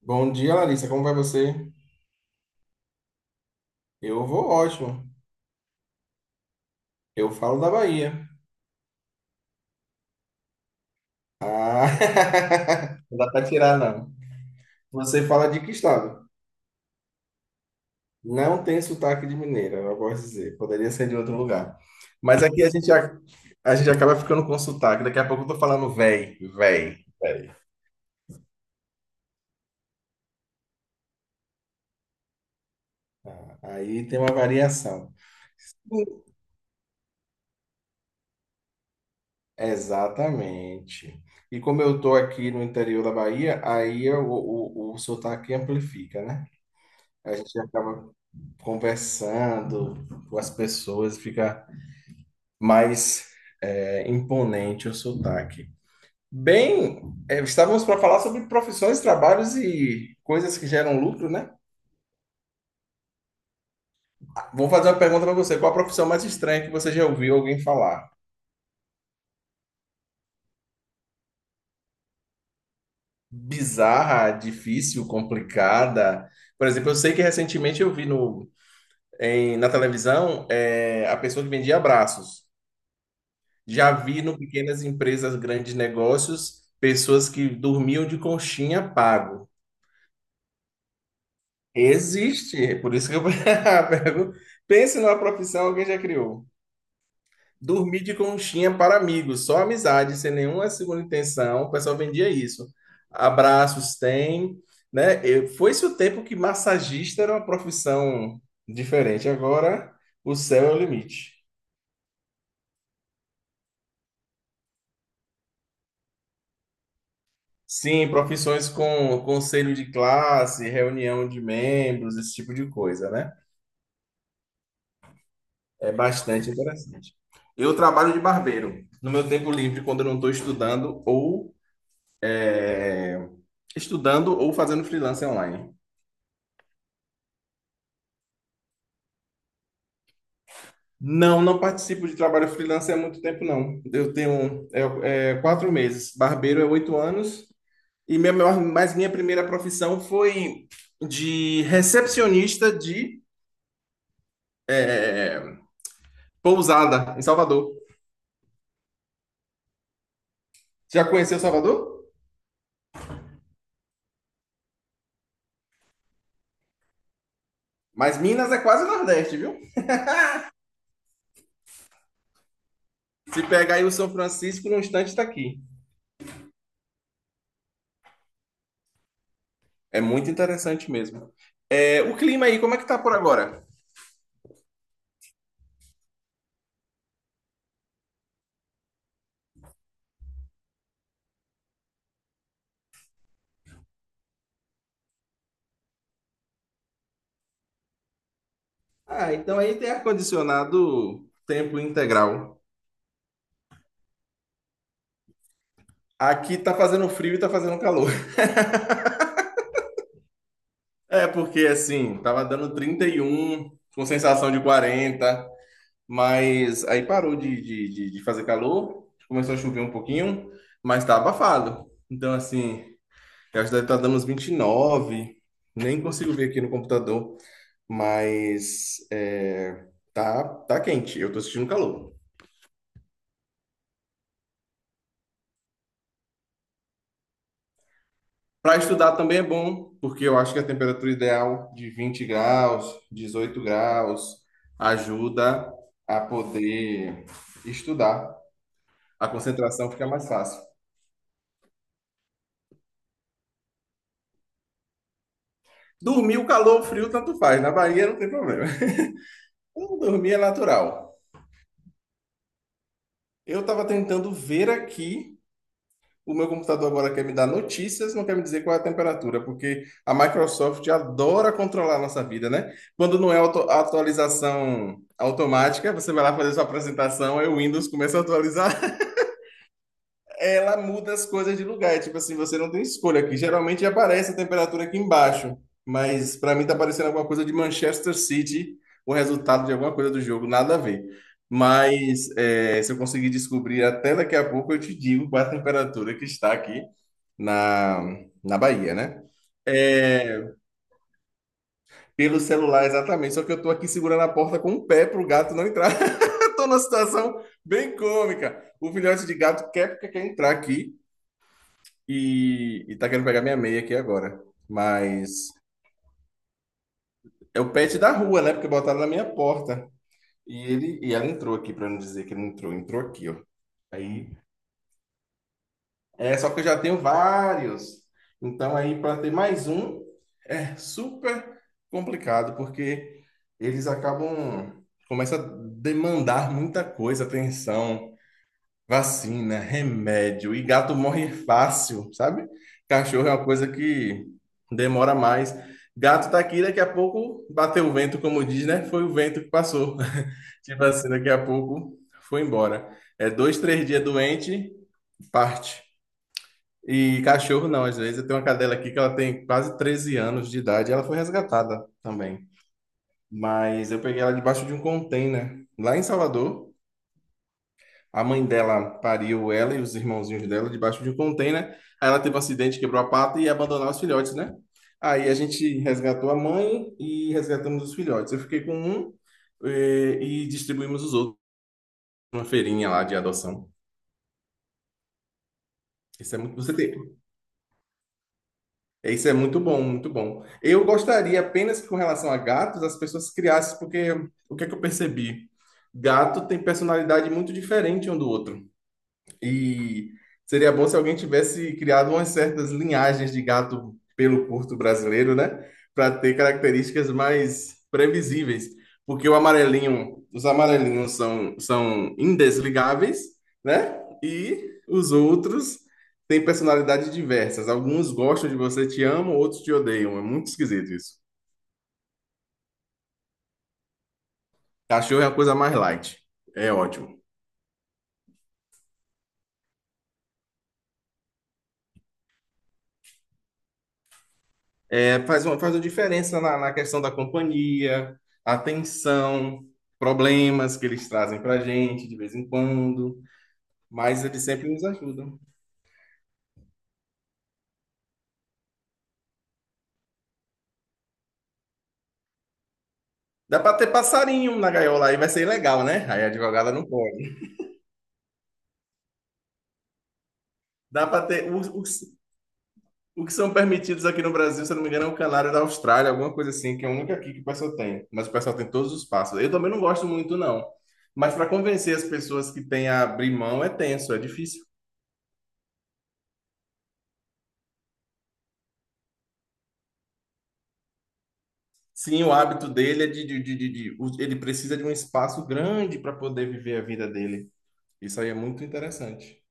Bom dia, Larissa. Como vai você? Eu vou ótimo. Eu falo da Bahia. Ah, não dá para tirar, não. Você fala de que estado? Não tem sotaque de mineira, eu posso dizer. Poderia ser de outro lugar. Mas aqui a gente acaba ficando com sotaque. Daqui a pouco eu tô falando véi, véi, véi. Ah, aí tem uma variação. Exatamente. E como eu tô aqui no interior da Bahia, aí eu- o sotaque amplifica, né? A gente acaba conversando com as pessoas, fica mais imponente o sotaque. Bem, estávamos para falar sobre profissões, trabalhos e coisas que geram lucro, né? Vou fazer uma pergunta para você. Qual a profissão mais estranha que você já ouviu alguém falar? Bizarra, difícil, complicada? Por exemplo, eu sei que recentemente eu vi no, em- na televisão a pessoa que vendia abraços. Já vi no pequenas empresas, grandes negócios, pessoas que dormiam de conchinha pago. Existe, é por isso que eu pergunto. Pense numa profissão que alguém já criou. Dormir de conchinha para amigos, só amizade, sem nenhuma segunda intenção. O pessoal vendia isso. Abraços tem, né? Eu- foi-se o tempo que massagista era uma profissão diferente. Agora o céu é o limite. Sim, profissões com conselho de classe, reunião de membros, esse tipo de coisa, né? É bastante interessante. Eu trabalho de barbeiro no meu tempo livre, quando eu não estou estudando ou fazendo freelance online. Não, não participo de trabalho freelance há muito tempo, não. Eu tenho 4 meses. Barbeiro é 8 anos. Mas minha primeira profissão foi de recepcionista de é, pousada em Salvador. Já conheceu Salvador? Mas Minas é quase Nordeste, viu? Se pegar aí o São Francisco, no instante está aqui. É muito interessante mesmo. É, o clima aí, como é que tá por agora? Ah, então aí tem ar-condicionado tempo integral. Aqui tá fazendo frio e tá fazendo calor. É, porque assim, tava dando 31 com sensação de 40, mas aí parou de fazer calor, começou a chover um pouquinho, mas tá abafado. Então, assim, eu acho que deve estar dando uns 29. Nem consigo ver aqui no computador, mas tá quente. Eu tô sentindo calor. Para estudar também é bom, porque eu acho que a temperatura ideal de 20 graus, 18 graus, ajuda a poder estudar. A concentração fica mais fácil. Dormir, o calor, o frio, tanto faz. Na Bahia não tem problema. Então, dormir é natural. Eu estava tentando ver aqui. O meu computador agora quer me dar notícias, não quer me dizer qual é a temperatura, porque a Microsoft adora controlar a nossa vida, né? Quando não é auto atualização automática, você vai lá fazer sua apresentação, aí o Windows começa a atualizar, ela muda as coisas de lugar. É, tipo assim, você não tem escolha aqui. Geralmente aparece a temperatura aqui embaixo, mas para mim tá parecendo alguma coisa de Manchester City, o resultado de alguma coisa do jogo, nada a ver. Mas é, se eu conseguir descobrir até daqui a pouco, eu te digo qual é a temperatura que está aqui na, na Bahia, né? É, pelo celular, exatamente. Só que eu tô aqui segurando a porta com o pé pro gato não entrar. Tô numa situação bem cômica. O filhote de gato quer entrar aqui. E tá querendo pegar minha meia aqui agora. Mas é o pet da rua, né? Porque botaram na minha porta. E ele e ela entrou aqui, pra não dizer que ele não entrou, entrou aqui, ó. Aí, é só que eu já tenho vários. Então aí para ter mais um é super complicado, porque eles acabam, começa a demandar muita coisa, atenção. Vacina, remédio. E gato morre fácil, sabe? Cachorro é uma coisa que demora mais. Gato tá aqui, daqui a pouco bateu o vento, como diz, né? Foi o vento que passou. Tipo assim, daqui a pouco foi embora. É dois, três dias doente, parte. E cachorro não, às vezes. Eu tenho uma cadela aqui que ela tem quase 13 anos de idade. Ela foi resgatada também. Mas eu peguei ela debaixo de um container lá em Salvador. A mãe dela pariu ela e os irmãozinhos dela debaixo de um container. Aí ela teve um acidente, quebrou a pata e ia abandonar os filhotes, né? Aí a gente resgatou a mãe e resgatamos os filhotes. Eu fiquei com um, e distribuímos os outros numa feirinha lá de adoção. Isso é muito, você tem, isso é muito bom, muito bom. Eu gostaria apenas que com relação a gatos as pessoas criassem, porque o que é que eu percebi? Gato tem personalidade muito diferente um do outro. E seria bom se alguém tivesse criado umas certas linhagens de gato pelo curto brasileiro, né? Para ter características mais previsíveis. Porque o amarelinho, os amarelinhos são, são indesligáveis, né? E os outros têm personalidades diversas. Alguns gostam de você, te amam, outros te odeiam. É muito esquisito isso. Cachorro é a coisa mais light. É ótimo. É, faz uma diferença na questão da companhia, atenção, problemas que eles trazem para gente de vez em quando, mas eles sempre nos ajudam. Dá para ter passarinho na gaiola, aí vai ser ilegal, né? Aí a advogada não pode. Dá para ter. O que são permitidos aqui no Brasil, se eu não me engano, é o canário da Austrália, alguma coisa assim, que é a única aqui que o pessoal tem. Mas o pessoal tem todos os passos. Eu também não gosto muito, não. Mas para convencer as pessoas que têm a abrir mão é tenso, é difícil. Sim, o hábito dele é ele precisa de um espaço grande para poder viver a vida dele. Isso aí é muito interessante.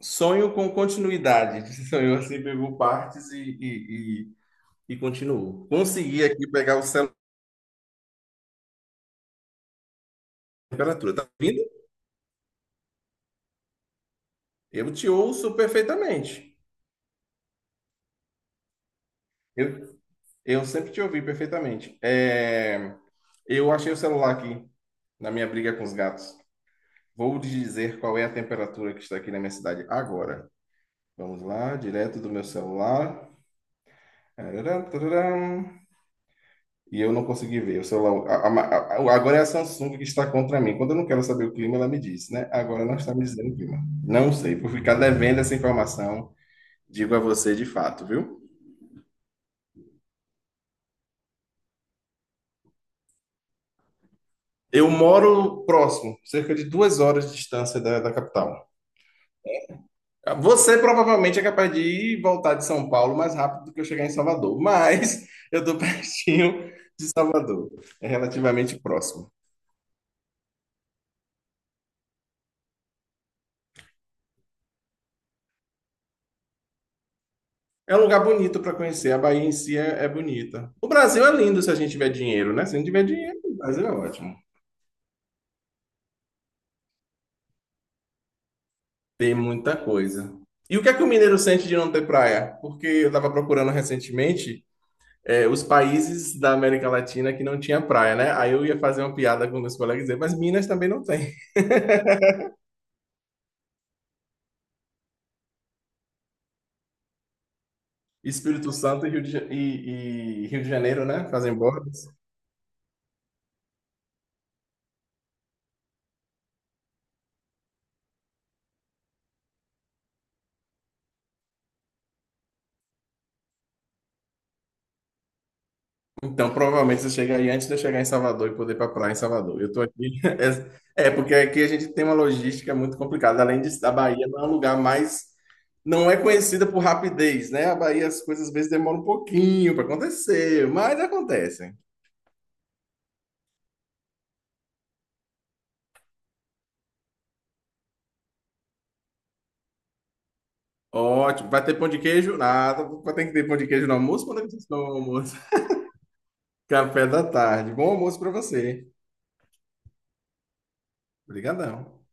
Sonho com continuidade. Sonhou assim, pegou partes e continuou. Consegui aqui pegar o celular na temperatura. Tá ouvindo? Eu te ouço perfeitamente. Eu, eu sempre te ouvi perfeitamente. É, eu achei o celular aqui na minha briga com os gatos. Vou lhe dizer qual é a temperatura que está aqui na minha cidade agora. Vamos lá, direto do meu celular. Tararam, tararam. E eu não consegui ver. O celular, agora é a Samsung que está contra mim. Quando eu não quero saber o clima, ela me diz, né? Agora não está me dizendo o clima. Não sei, por ficar devendo essa informação, digo a você de fato, viu? Eu moro próximo, cerca de 2 horas de distância da capital. Você provavelmente é capaz de ir e voltar de São Paulo mais rápido do que eu chegar em Salvador, mas eu estou pertinho de Salvador. É relativamente próximo. É um lugar bonito para conhecer. A Bahia em si é bonita. O Brasil é lindo se a gente tiver dinheiro, né? Se a gente tiver dinheiro, o Brasil é ótimo. Tem muita coisa. E o que é que o mineiro sente de não ter praia? Porque eu estava procurando recentemente os países da América Latina que não tinha praia, né? Aí eu ia fazer uma piada com meus colegas e dizer, mas Minas também não tem. Espírito Santo e Rio de Janeiro, né? Fazem borda. Então, provavelmente você chegaria antes de eu chegar em Salvador e poder ir para praia em Salvador. Eu estou aqui. Porque aqui a gente tem uma logística muito complicada. Além disso, a Bahia não é um lugar mais. Não é conhecida por rapidez, né? A Bahia, as coisas às vezes demoram um pouquinho para acontecer, mas acontecem. Ótimo. Vai ter pão de queijo? Nada. Vai ter que ter pão de queijo no almoço? Quando é que vocês tomam o almoço? Café da tarde. Bom almoço para você. Obrigadão.